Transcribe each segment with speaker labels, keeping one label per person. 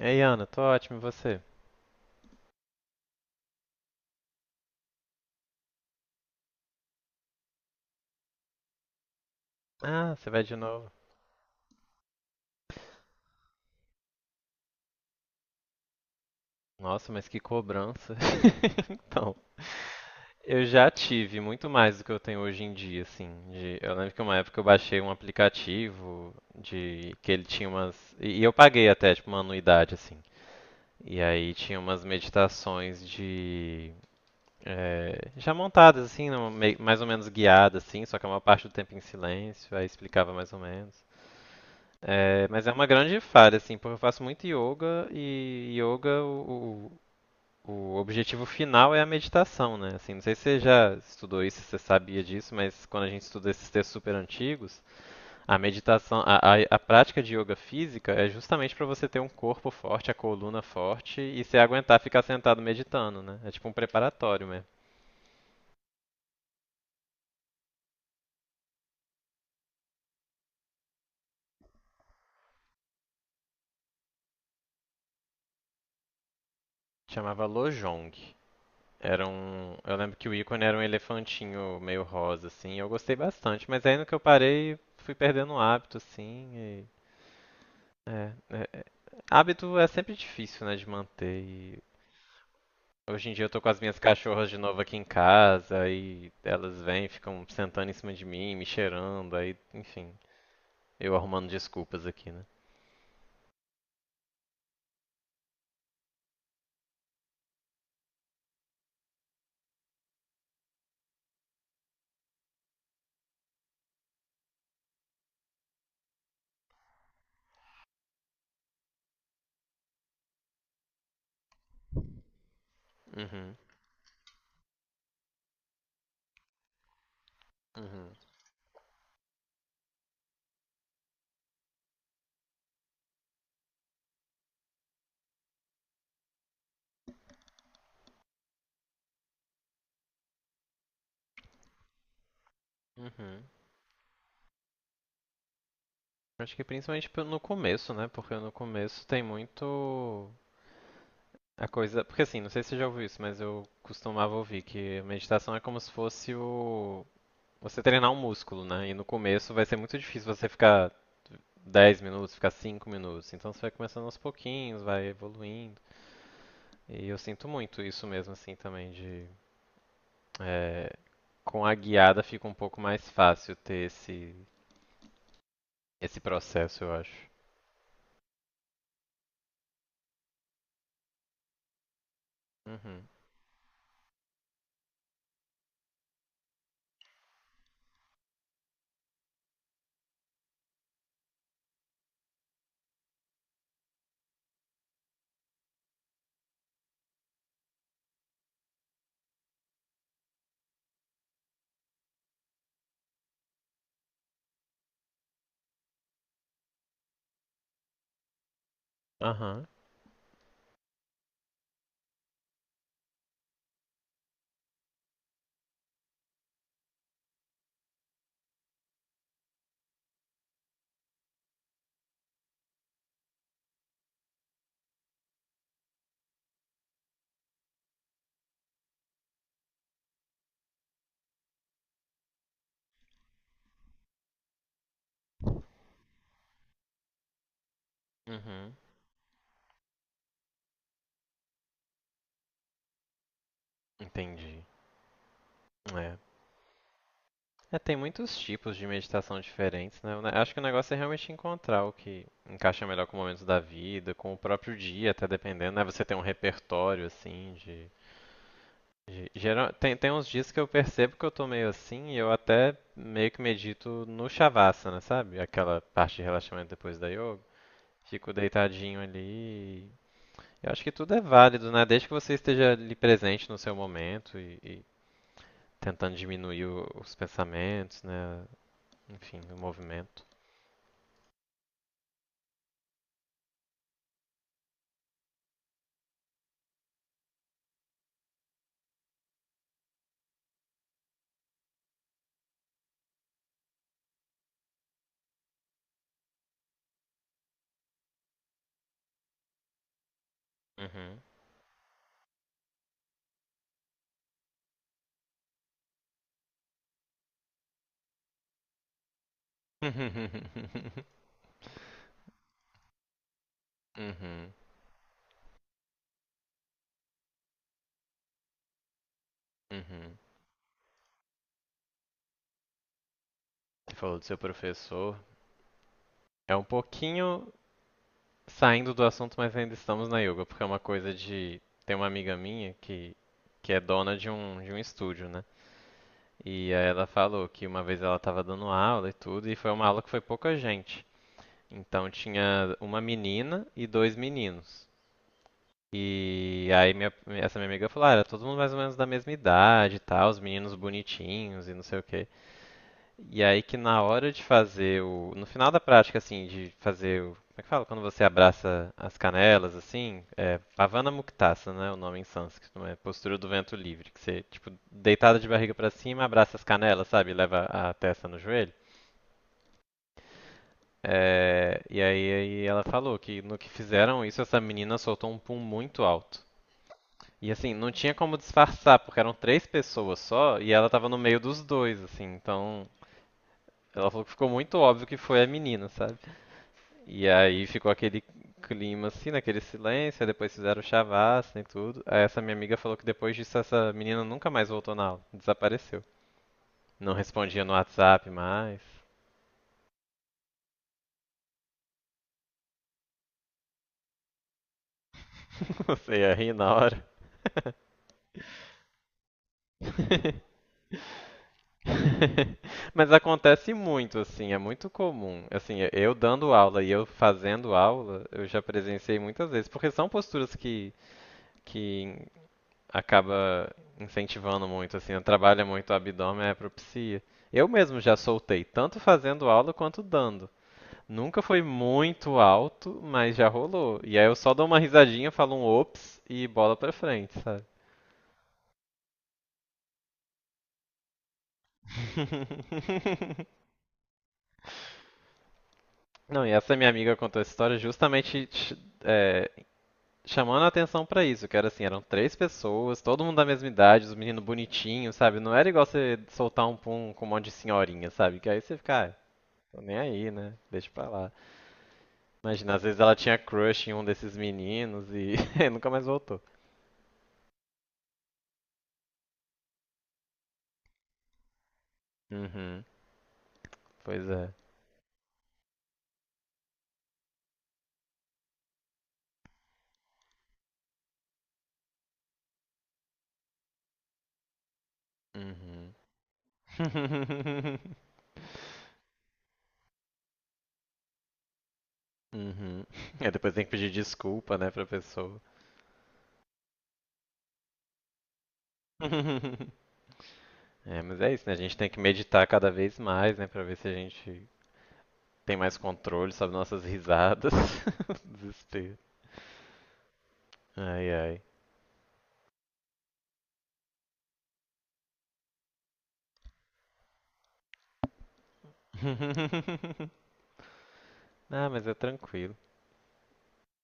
Speaker 1: Ei, Ana, tô ótimo, e você? Ah, você vai de novo. Nossa, mas que cobrança. Então, eu já tive muito mais do que eu tenho hoje em dia, assim. Eu lembro que uma época eu baixei um aplicativo de que ele tinha umas. E eu paguei até, tipo, uma anuidade, assim. E aí tinha umas meditações de. Já montadas, assim, mais ou menos guiadas, assim, só que uma parte do tempo em silêncio, aí explicava mais ou menos. É, mas é uma grande falha, assim, porque eu faço muito yoga e yoga o objetivo final é a meditação, né? Assim, não sei se você já estudou isso, se você sabia disso, mas quando a gente estuda esses textos super antigos, a meditação, a prática de yoga física é justamente para você ter um corpo forte, a coluna forte e se aguentar ficar sentado meditando, né? É tipo um preparatório mesmo. Chamava Lojong. Era um. Eu lembro que o ícone era um elefantinho meio rosa, assim. Eu gostei bastante, mas aí no que eu parei, fui perdendo o hábito, assim. É, é- Hábito é sempre difícil, né, de manter. E hoje em dia eu tô com as minhas cachorras de novo aqui em casa, e elas vêm, ficam sentando em cima de mim, me cheirando, aí, enfim, eu arrumando desculpas aqui, né? Uhum, uhum, uhum. Acho que principalmente no começo, né? Porque no começo tem muito. A coisa, porque assim, não sei se você já ouviu isso, mas eu costumava ouvir que meditação é como se fosse o você treinar um músculo, né? E no começo vai ser muito difícil você ficar 10 minutos, ficar 5 minutos. Então você vai começando aos pouquinhos, vai evoluindo. E eu sinto muito isso mesmo assim também é, com a guiada fica um pouco mais fácil ter esse processo, eu acho. Uhum. Aham. Uhum. Entendi. É. É, tem muitos tipos de meditação diferentes, né? Acho que o negócio é realmente encontrar o que encaixa melhor com momentos da vida, com o próprio dia, até dependendo, né? Você tem um repertório, assim, de... Tem uns dias que eu percebo que eu tô meio assim e eu até meio que medito no Shavasana, sabe? Aquela parte de relaxamento depois da yoga. Fico deitadinho ali. e Eu acho que tudo é válido, né? Desde que você esteja ali presente no seu momento e tentando diminuir os pensamentos, né? Enfim, o movimento. Uhum. Uhum. Uhum. Você falou do seu professor. É um pouquinho saindo do assunto, mas ainda estamos na yoga, porque é uma coisa de. Tem uma amiga minha que é dona de um estúdio, né? E aí ela falou que uma vez ela estava dando aula e tudo, e foi uma aula que foi pouca gente. Então tinha uma menina e dois meninos. E aí essa minha amiga falou, ah, era todo mundo mais ou menos da mesma idade e tal, os meninos bonitinhos e não sei o quê. E aí que na hora de fazer o. No final da prática, assim, de fazer o. Como é que fala? Quando você abraça as canelas, assim, é Pavana Muktasana, né? O nome em sânscrito, é postura do vento livre, que você, tipo, deitada de barriga pra cima, abraça as canelas, sabe? Leva a testa no joelho. É, e aí, aí ela falou que no que fizeram isso, essa menina soltou um pum muito alto. E assim, não tinha como disfarçar, porque eram três pessoas só e ela tava no meio dos dois, assim. Então, ela falou que ficou muito óbvio que foi a menina, sabe? E aí ficou aquele clima assim, naquele silêncio, aí depois fizeram chavasca e tudo. Aí essa minha amiga falou que depois disso essa menina nunca mais voltou na aula, desapareceu. Não respondia no WhatsApp mais, você ia rir na hora. Mas acontece muito, assim, é muito comum. Assim, eu dando aula e eu fazendo aula, eu já presenciei muitas vezes, porque são posturas que, que acaba incentivando muito, assim, trabalha muito o abdômen, é propicia. Eu mesmo já soltei, tanto fazendo aula quanto dando. Nunca foi muito alto, mas já rolou. E aí eu só dou uma risadinha, falo um ops e bola pra frente, sabe? Não, e essa minha amiga contou essa história justamente é, chamando a atenção pra isso, que era assim, eram três pessoas, todo mundo da mesma idade, os meninos bonitinhos, sabe? Não era igual você soltar um pum com um monte de senhorinha, sabe? Que aí você fica, ah, tô nem aí, né? Deixa pra lá. Imagina, às vezes ela tinha crush em um desses meninos e nunca mais voltou. Uhum, pois é. Uhum. Uhum. É, depois tem que pedir desculpa, né, pra pessoa. É, mas é isso, né? A gente tem que meditar cada vez mais, né, pra ver se a gente tem mais controle sobre nossas risadas. Desespero. Ai, ai. Ah, mas é tranquilo.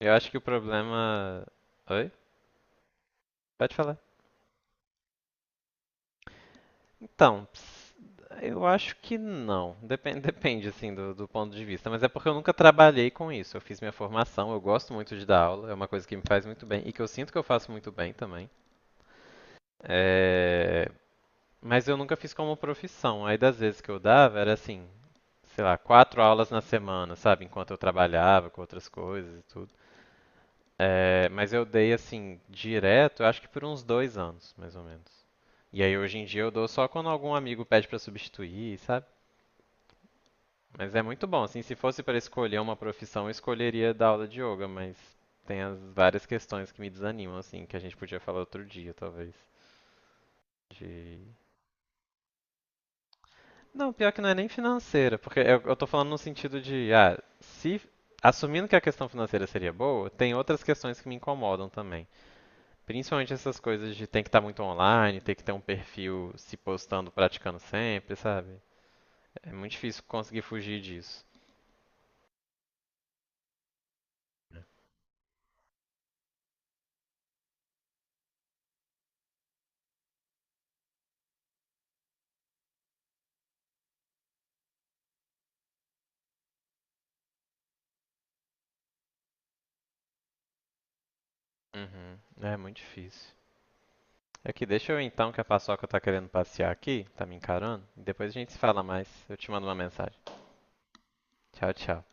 Speaker 1: Eu acho que o problema. Oi? Pode falar. Então, eu acho que não. Depende, depende assim do, do ponto de vista, mas é porque eu nunca trabalhei com isso. Eu fiz minha formação, eu gosto muito de dar aula, é uma coisa que me faz muito bem e que eu sinto que eu faço muito bem também. É, mas eu nunca fiz como profissão. Aí das vezes que eu dava era assim, sei lá, quatro aulas na semana, sabe, enquanto eu trabalhava com outras coisas e tudo. É, mas eu dei assim direto, eu acho que por uns 2 anos, mais ou menos. E aí hoje em dia eu dou só quando algum amigo pede pra substituir, sabe? Mas é muito bom, assim, se fosse para escolher uma profissão, eu escolheria dar aula de yoga, mas tem as várias questões que me desanimam, assim, que a gente podia falar outro dia, talvez. De... Não, pior que não é nem financeira, porque eu tô falando no sentido de, ah, se assumindo que a questão financeira seria boa, tem outras questões que me incomodam também. Principalmente essas coisas de tem que estar muito online, tem que ter um perfil se postando, praticando sempre, sabe? É muito difícil conseguir fugir disso. Uhum, é muito difícil. Aqui, deixa eu então que a Paçoca tá querendo passear aqui, tá me encarando, e depois a gente se fala mais. Eu te mando uma mensagem. Tchau, tchau.